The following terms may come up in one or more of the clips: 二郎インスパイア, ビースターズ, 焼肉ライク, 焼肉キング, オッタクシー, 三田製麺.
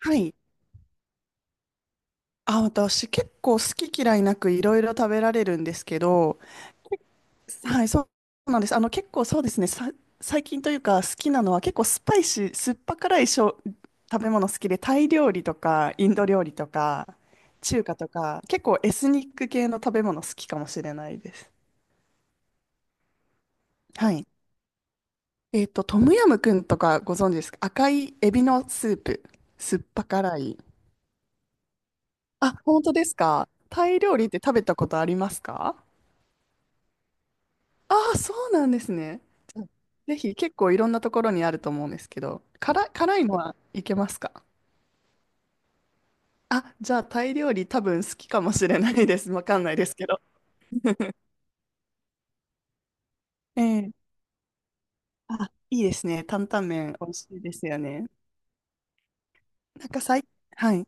はい。あ、私結構好き嫌いなくいろいろ食べられるんですけど、けはい、そうなんです。あの結構そうですね、最近というか好きなのは結構スパイシー、酸っぱ辛いしょ食べ物好きで、タイ料理とかインド料理とか中華とか、結構エスニック系の食べ物好きかもしれないです。はい。トムヤムクンとかご存知ですか？赤いエビのスープ、酸っぱ辛い。あ、本当ですか？タイ料理って食べたことありますか？ああ、そうなんですね。うん、ぜひ。結構いろんなところにあると思うんですけど、辛いのはいけますか？あ、じゃあタイ料理多分好きかもしれないです。わかんないですけど。ええ、あ、いいですね。担々麺美味しいですよね。なんかさい、はい。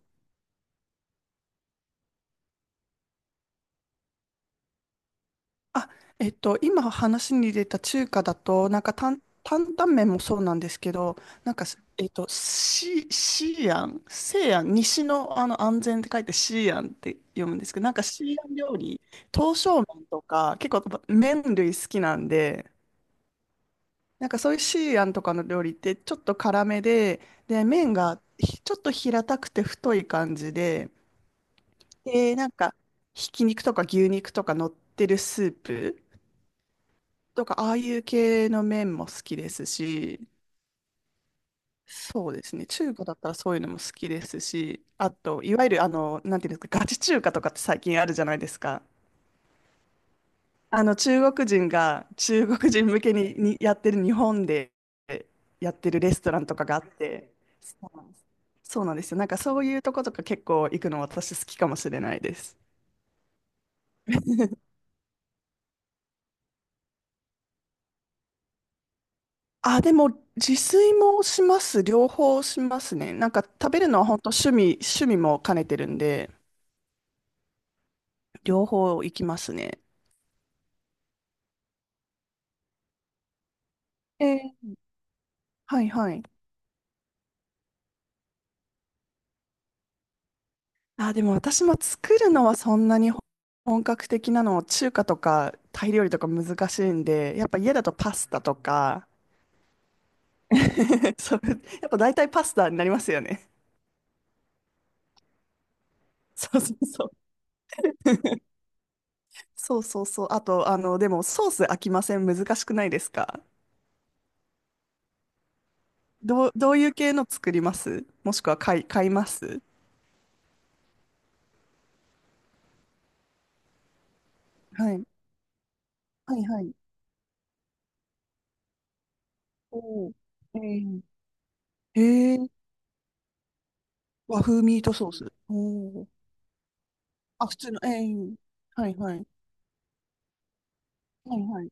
あ、えっと、今話に出た中華だと、なんか担々麺もそうなんですけど、なんか、えっと、シーアン、西安、西の、あの安全って書いてシーアンって読むんですけど、なんかシーアン料理、刀削麺とか、結構麺類好きなんで、なんかそういうシーアンとかの料理ってちょっと辛めで、で、麺がちょっと平たくて太い感じで、で、なんか、ひき肉とか牛肉とか乗ってるスープ。とか、ああいう系の麺も好きですし、そうですね、中華だったらそういうのも好きですし、あと、いわゆる、なんていうんですか、ガチ中華とかって最近あるじゃないですか。中国人が中国人向けに、やってる、日本でやってるレストランとかがあって、そうなんです。そうなんですよ。なんかそういうとことか結構行くの私好きかもしれないです。あ、でも自炊もします。両方しますね。なんか食べるのは本当趣味も兼ねてるんで。両方行きますね。えー、はいはい。あ、でも私も作るのはそんなに本格的なの、中華とかタイ料理とか難しいんで、やっぱ家だとパスタとか、そう、やっぱ大体パスタになりますよね。そうそうそう。そうそうそう。あと、でもソース飽きません？難しくないですか？どういう系の作ります？もしくは買いますはい。はいはい。おー、えー。うん、えー、和風ミートソース。おー、あ、普通の永遠、えはいはい。はいはい。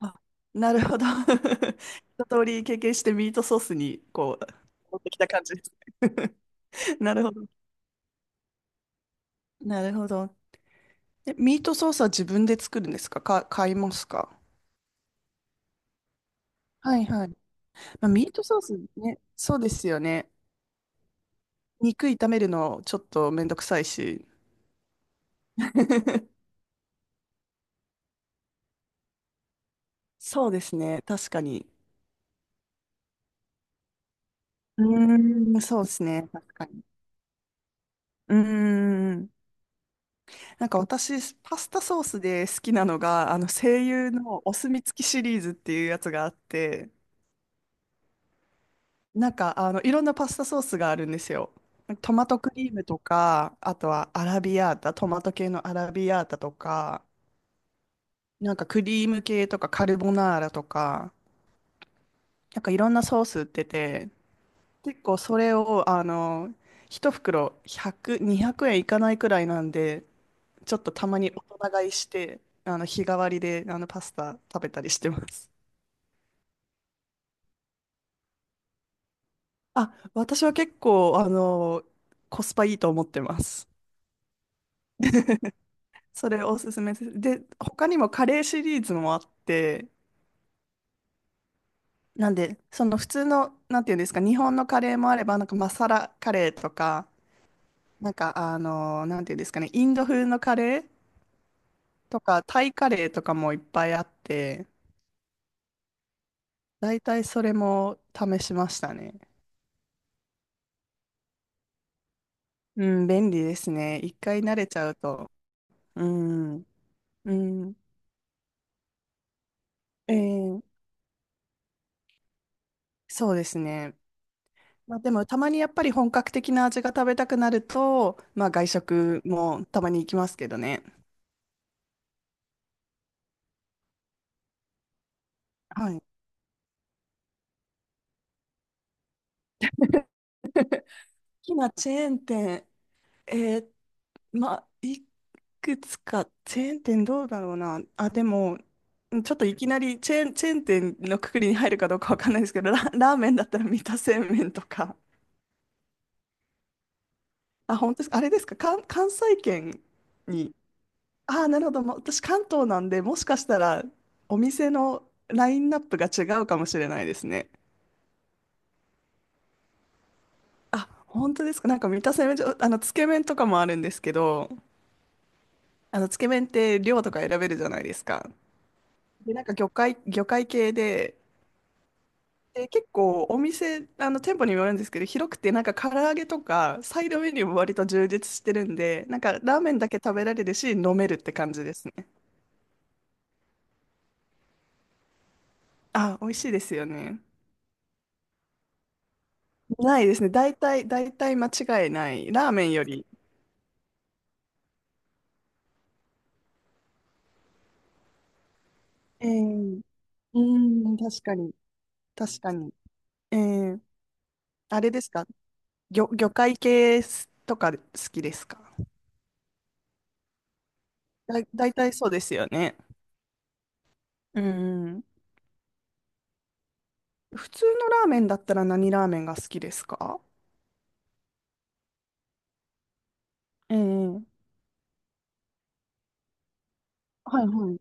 あ、なるほど。一通り経験してミートソースにこう持ってきた感じですね。 なるほど。なるほど。で、ミートソースは自分で作るんですか買いますか？はいはい。まあ、ミートソースね、そうですよね。肉炒めるのちょっとめんどくさいし。そうですね、確かに。うーん、そうですね、確かに。うーん。なんか私、パスタソースで好きなのが、あの、声優のお墨付きシリーズっていうやつがあって、なんか、あの、いろんなパスタソースがあるんですよ。トマトクリームとか、あとはアラビアータ、トマト系のアラビアータとか、なんかクリーム系とかカルボナーラとか、なんかいろんなソース売ってて、結構それを、あの、一袋100、200円いかないくらいなんで、ちょっとたまに大人買いして、あの日替わりであのパスタ食べたりしてます。あ、私は結構、あの、コスパいいと思ってます。それおすすめです。で、他にもカレーシリーズもあって、なんで、その普通の、なんていうんですか、日本のカレーもあれば、なんかマサラカレーとか、なんか、あの、なんていうんですかね、インド風のカレーとか、タイカレーとかもいっぱいあって、大体それも試しましたね。うん、便利ですね。一回慣れちゃうと。うん、うん、えー、そうですね。まあ、でもたまにやっぱり本格的な味が食べたくなると、まあ、外食もたまに行きますけどね。はい。好きなチェーン店、えー、まあ、いくつか、チェーン店どうだろうな。あ、でも、ちょっといきなりチェーン店のくくりに入るかどうかわかんないですけど、ラーメンだったら三田製麺とか、あ、本当ですか、あれですか、関西圏に、ああ、なるほど。まあ私、関東なんで、もしかしたらお店のラインナップが違うかもしれないですね。あ、本当ですか。なんか三田製麺所、あの、つけ麺とかもあるんですけど、あの、つけ麺って量とか選べるじゃないですか。で、なんか魚介系で、で、結構お店、あの、店舗にもよるんですけど、広くて、なんか唐揚げとか、サイドメニューも割と充実してるんで、なんかラーメンだけ食べられるし、飲めるって感じですね。あ、美味しいですよね。ないですね。大体間違いない。ラーメンより。ええ、うん、確かに。確かに。ええ、あれですか？魚介系とか好きですか？だ、大体そうですよね。うん。普通のラーメンだったら何ラーメンが好きですか？ええ、はいはい。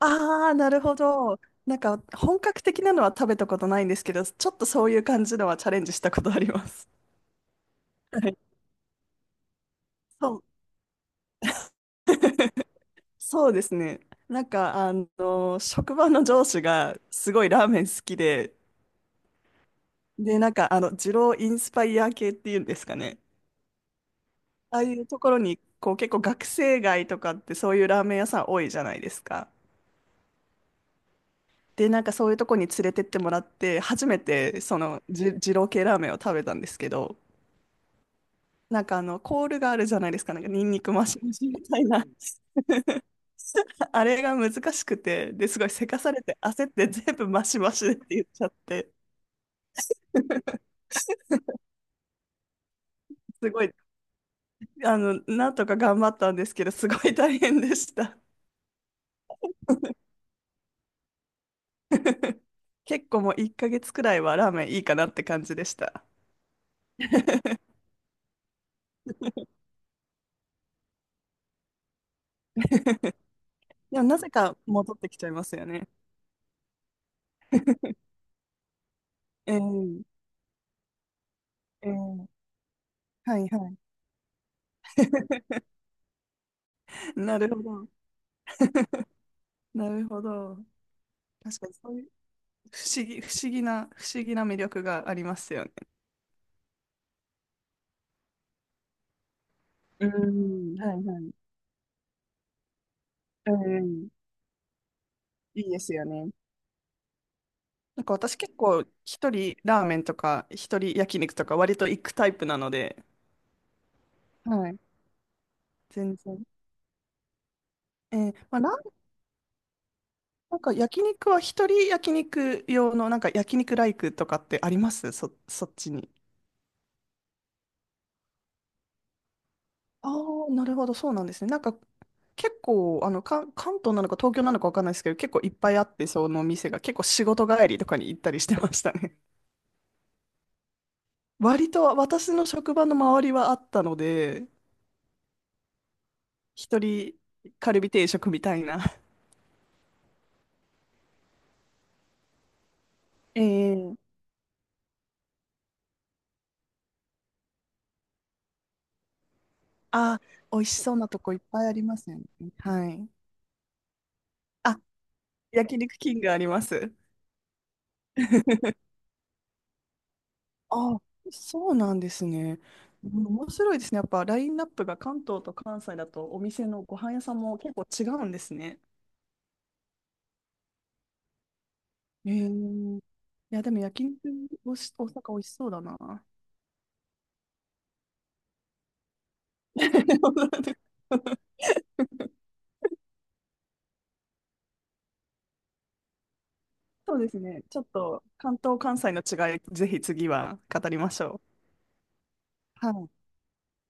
ああ、なるほど。なんか、本格的なのは食べたことないんですけど、ちょっとそういう感じのはチャレンジしたことあります。はい。そう。そうですね。なんか、あの、職場の上司がすごいラーメン好きで、で、なんか、あの、二郎インスパイア系っていうんですかね。ああいうところに、こう、結構学生街とかってそういうラーメン屋さん多いじゃないですか。で、なんかそういうとこに連れてってもらって、初めてその二郎系ラーメンを食べたんですけど、なんかあの、コールがあるじゃないですか。なんかニンニクマシマシみたいな。あれが難しくて、で、すごいせかされて焦って全部マシマシでって言っちゃって、すごい、あの、なんとか頑張ったんですけど、すごい大変でした。結構もう1ヶ月くらいはラーメンいいかなって感じでした。でもなぜか戻ってきちゃいますよね。ええ、ええ、はいはい。なるほど。なるほど。確かにそういう不思議な魅力がありますよね。うん、はいはい。うん、いいですよね。なんか私結構一人ラーメンとか一人焼肉とか割と行くタイプなので、はい。全然。えー、まあ、ラーメン、なんか焼肉は一人焼肉用のなんか焼肉ライクとかってあります、そっちに。ああ、なるほど、そうなんですね。なんか結構あの関東なのか東京なのかわかんないですけど、結構いっぱいあって、その店が結構仕事帰りとかに行ったりしてましたね。割と私の職場の周りはあったので、一人カルビ定食みたいな。ええ、あ、美味しそうなとこいっぱいありますよね。はい。あ、焼肉キングあります。あ、そうなんですね。うん、面白いですね。やっぱラインナップが関東と関西だとお店のご飯屋さんも結構違うんですね。えー、いや、でも焼肉、大阪美味しそうだな。本当だね。そうですね。ちょっと関東、関西の違い、ぜひ次は語りましょう。はい。